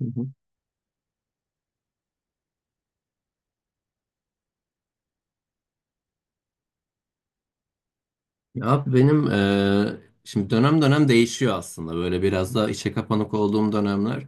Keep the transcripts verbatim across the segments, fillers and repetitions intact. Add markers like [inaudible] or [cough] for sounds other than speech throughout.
Hı hı. Ya Abi benim eee, şimdi dönem dönem değişiyor aslında. Böyle biraz daha içe kapanık olduğum dönemler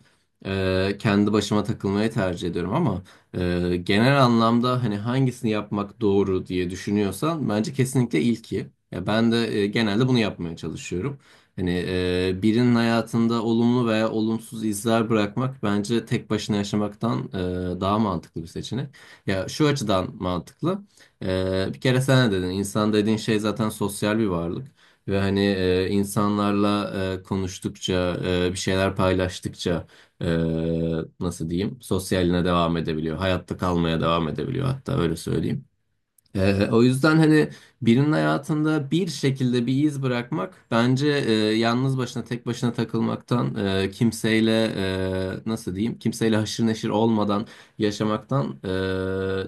eee, kendi başıma takılmayı tercih ediyorum, ama eee, genel anlamda, hani, hangisini yapmak doğru diye düşünüyorsan bence kesinlikle ilki. Ya, ben de eee, genelde bunu yapmaya çalışıyorum. Hani, eee, birinin hayatında olumlu veya olumsuz izler bırakmak bence tek başına yaşamaktan eee, daha mantıklı bir seçenek. Ya, şu açıdan mantıklı. Ee, bir kere sen de dedin, insan dediğin şey zaten sosyal bir varlık ve hani, e, insanlarla e, konuştukça, e, bir şeyler paylaştıkça, e, nasıl diyeyim, sosyaline devam edebiliyor, hayatta kalmaya devam edebiliyor, hatta öyle söyleyeyim. Ee, o yüzden hani, birinin hayatında bir şekilde bir iz bırakmak bence e, yalnız başına, tek başına takılmaktan, e, kimseyle e, nasıl diyeyim, kimseyle haşır neşir olmadan yaşamaktan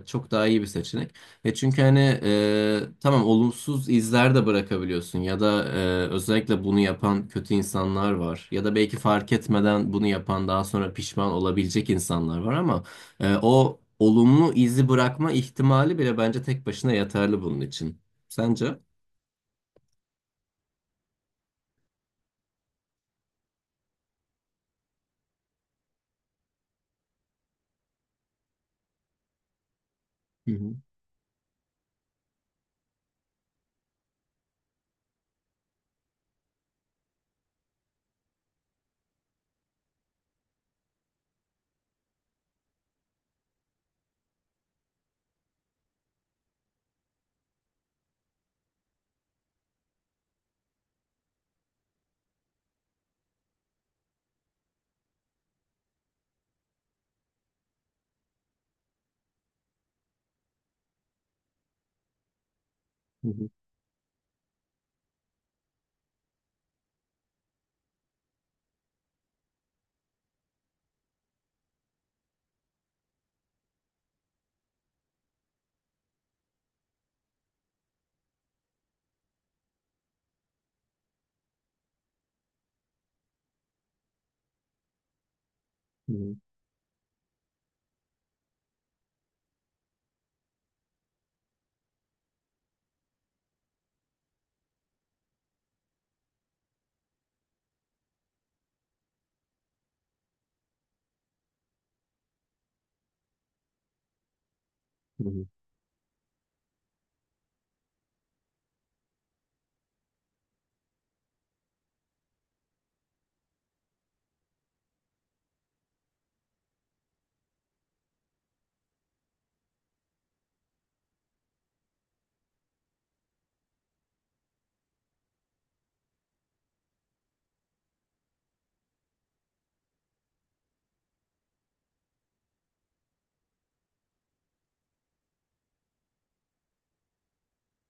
e, çok daha iyi bir seçenek. E çünkü hani, e, tamam, olumsuz izler de bırakabiliyorsun ya da e, özellikle bunu yapan kötü insanlar var, ya da belki fark etmeden bunu yapan, daha sonra pişman olabilecek insanlar var, ama e, o olumlu izi bırakma ihtimali bile bence tek başına yeterli bunun için. Sence? Hı hı, hı hı, hı hı, hı hı.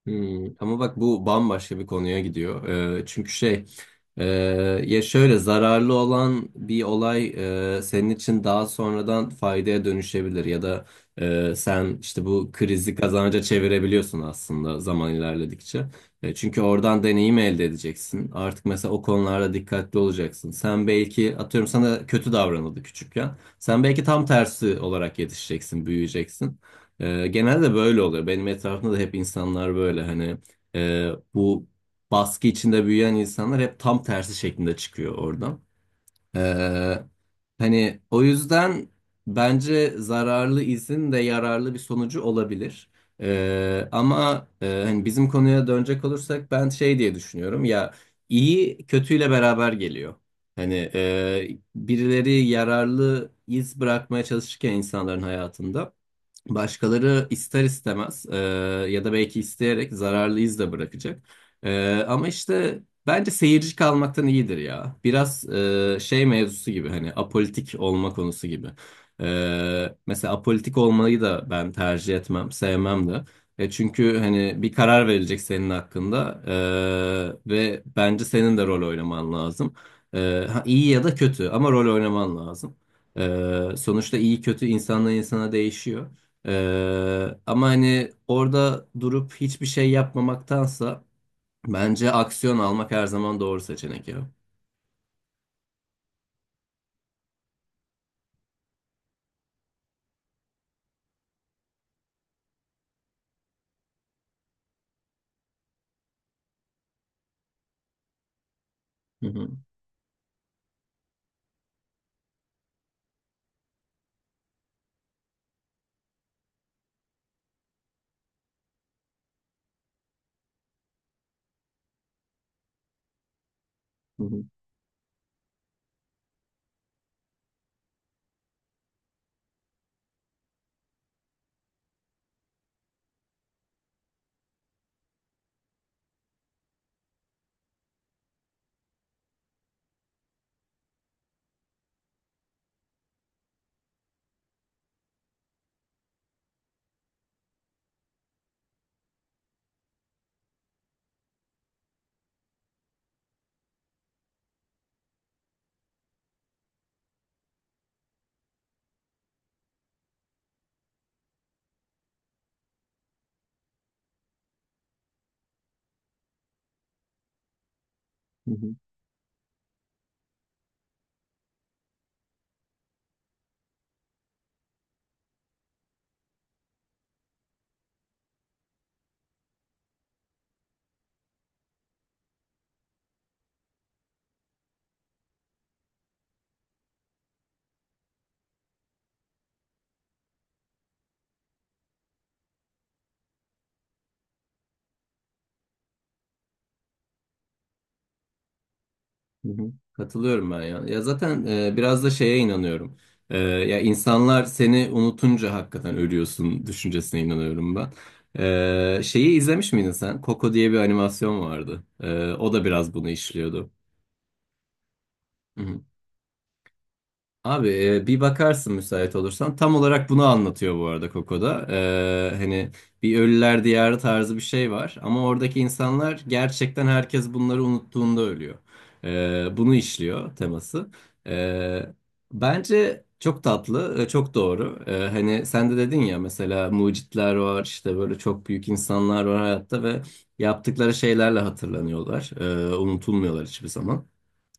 Hmm, ama bak, bu bambaşka bir konuya gidiyor. Ee, çünkü şey, e, ya şöyle, zararlı olan bir olay e, senin için daha sonradan faydaya dönüşebilir, ya da e, sen işte bu krizi kazanca çevirebiliyorsun aslında zaman ilerledikçe. E, çünkü oradan deneyim elde edeceksin. Artık mesela o konularda dikkatli olacaksın. Sen belki, atıyorum, sana kötü davranıldı küçükken. Sen belki tam tersi olarak yetişeceksin, büyüyeceksin. Ee, genelde böyle oluyor. Benim etrafımda da hep insanlar böyle, hani, e, bu baskı içinde büyüyen insanlar hep tam tersi şeklinde çıkıyor oradan. Ee, Hani, o yüzden bence zararlı izin de yararlı bir sonucu olabilir. Ee, ama e, hani, bizim konuya dönecek olursak, ben şey diye düşünüyorum ya, iyi kötüyle beraber geliyor. Hani, e, birileri yararlı iz bırakmaya çalışırken insanların hayatında, başkaları ister istemez, e, ya da belki isteyerek, zararlı iz de bırakacak. E, ama işte bence seyirci kalmaktan iyidir ya. Biraz e, şey mevzusu gibi, hani, apolitik olma konusu gibi. E, mesela apolitik olmayı da ben tercih etmem, sevmem de. E, çünkü hani, bir karar verilecek senin hakkında, e, ve bence senin de rol oynaman lazım. E, ha, iyi ya da kötü, ama rol oynaman lazım. E, sonuçta iyi kötü insandan insana değişiyor. Ee, ama hani, orada durup hiçbir şey yapmamaktansa bence aksiyon almak her zaman doğru seçenek ya. Hı hı, hı hı, hı hı, hı hı. Katılıyorum ben ya. Ya zaten e, biraz da şeye inanıyorum. E, ya, insanlar seni unutunca hakikaten ölüyorsun düşüncesine inanıyorum ben. E, şeyi izlemiş miydin sen? Coco diye bir animasyon vardı. E, o da biraz bunu işliyordu. Abi, e, bir bakarsın müsait olursan. Tam olarak bunu anlatıyor bu arada Koko'da. Ee, hani, bir ölüler diyarı tarzı bir şey var. Ama oradaki insanlar gerçekten herkes bunları unuttuğunda ölüyor. Ee, bunu işliyor teması. Ee, Bence çok tatlı, e, çok doğru. Ee, hani, sen de dedin ya, mesela mucitler var işte, böyle çok büyük insanlar var hayatta ve yaptıkları şeylerle hatırlanıyorlar. Ee, unutulmuyorlar hiçbir zaman.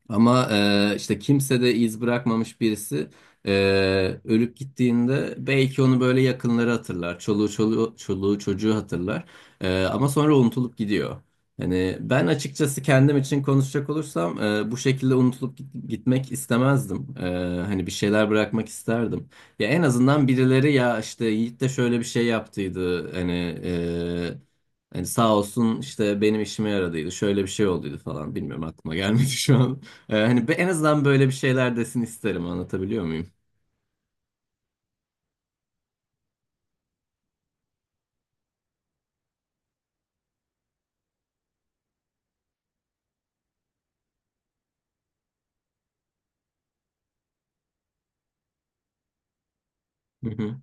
Ama e, işte kimse de iz bırakmamış birisi e, ölüp gittiğinde, belki onu böyle yakınları hatırlar. Çoluğu, çoluğu, çoluğu çocuğu hatırlar. E, ama sonra unutulup gidiyor. Hani, ben açıkçası kendim için konuşacak olursam, e, bu şekilde unutulup git- gitmek istemezdim. E, hani, bir şeyler bırakmak isterdim. Ya, en azından birileri, ya işte, Yiğit de şöyle bir şey yaptıydı. Hani, e, Hani sağ olsun, işte benim işime yaradıydı. Şöyle bir şey olduydu falan. Bilmiyorum, aklıma gelmedi şu an. Ee, hani, be- en azından böyle bir şeyler desin isterim, anlatabiliyor muyum? Hı hı,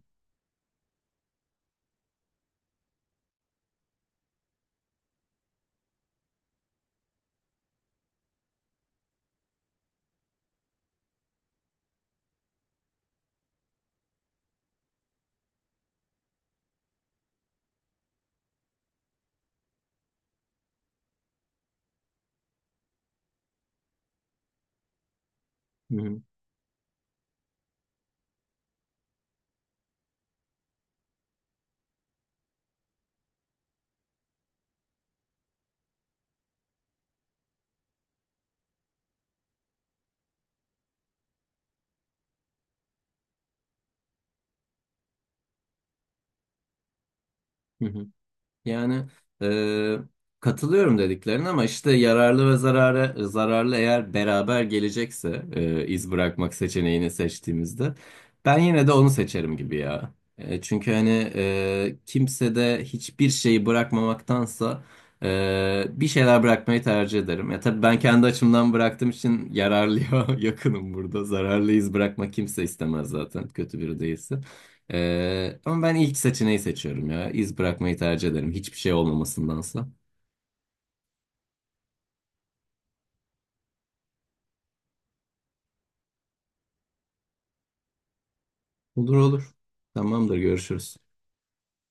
hı hı, hı hı. Yani, e, katılıyorum dediklerine, ama işte yararlı ve zararı zararlı eğer beraber gelecekse, e, iz bırakmak seçeneğini seçtiğimizde ben yine de onu seçerim gibi ya. E, çünkü hani, e, kimse de hiçbir şeyi bırakmamaktansa e, bir şeyler bırakmayı tercih ederim. Ya tabii, ben kendi açımdan bıraktığım için yararlıya [laughs] yakınım burada. Zararlı iz bırakmak kimse istemez zaten, kötü biri değilse. Ee, ama ben ilk seçeneği seçiyorum ya. İz bırakmayı tercih ederim. Hiçbir şey olmamasındansa. Olur olur. Tamamdır, görüşürüz.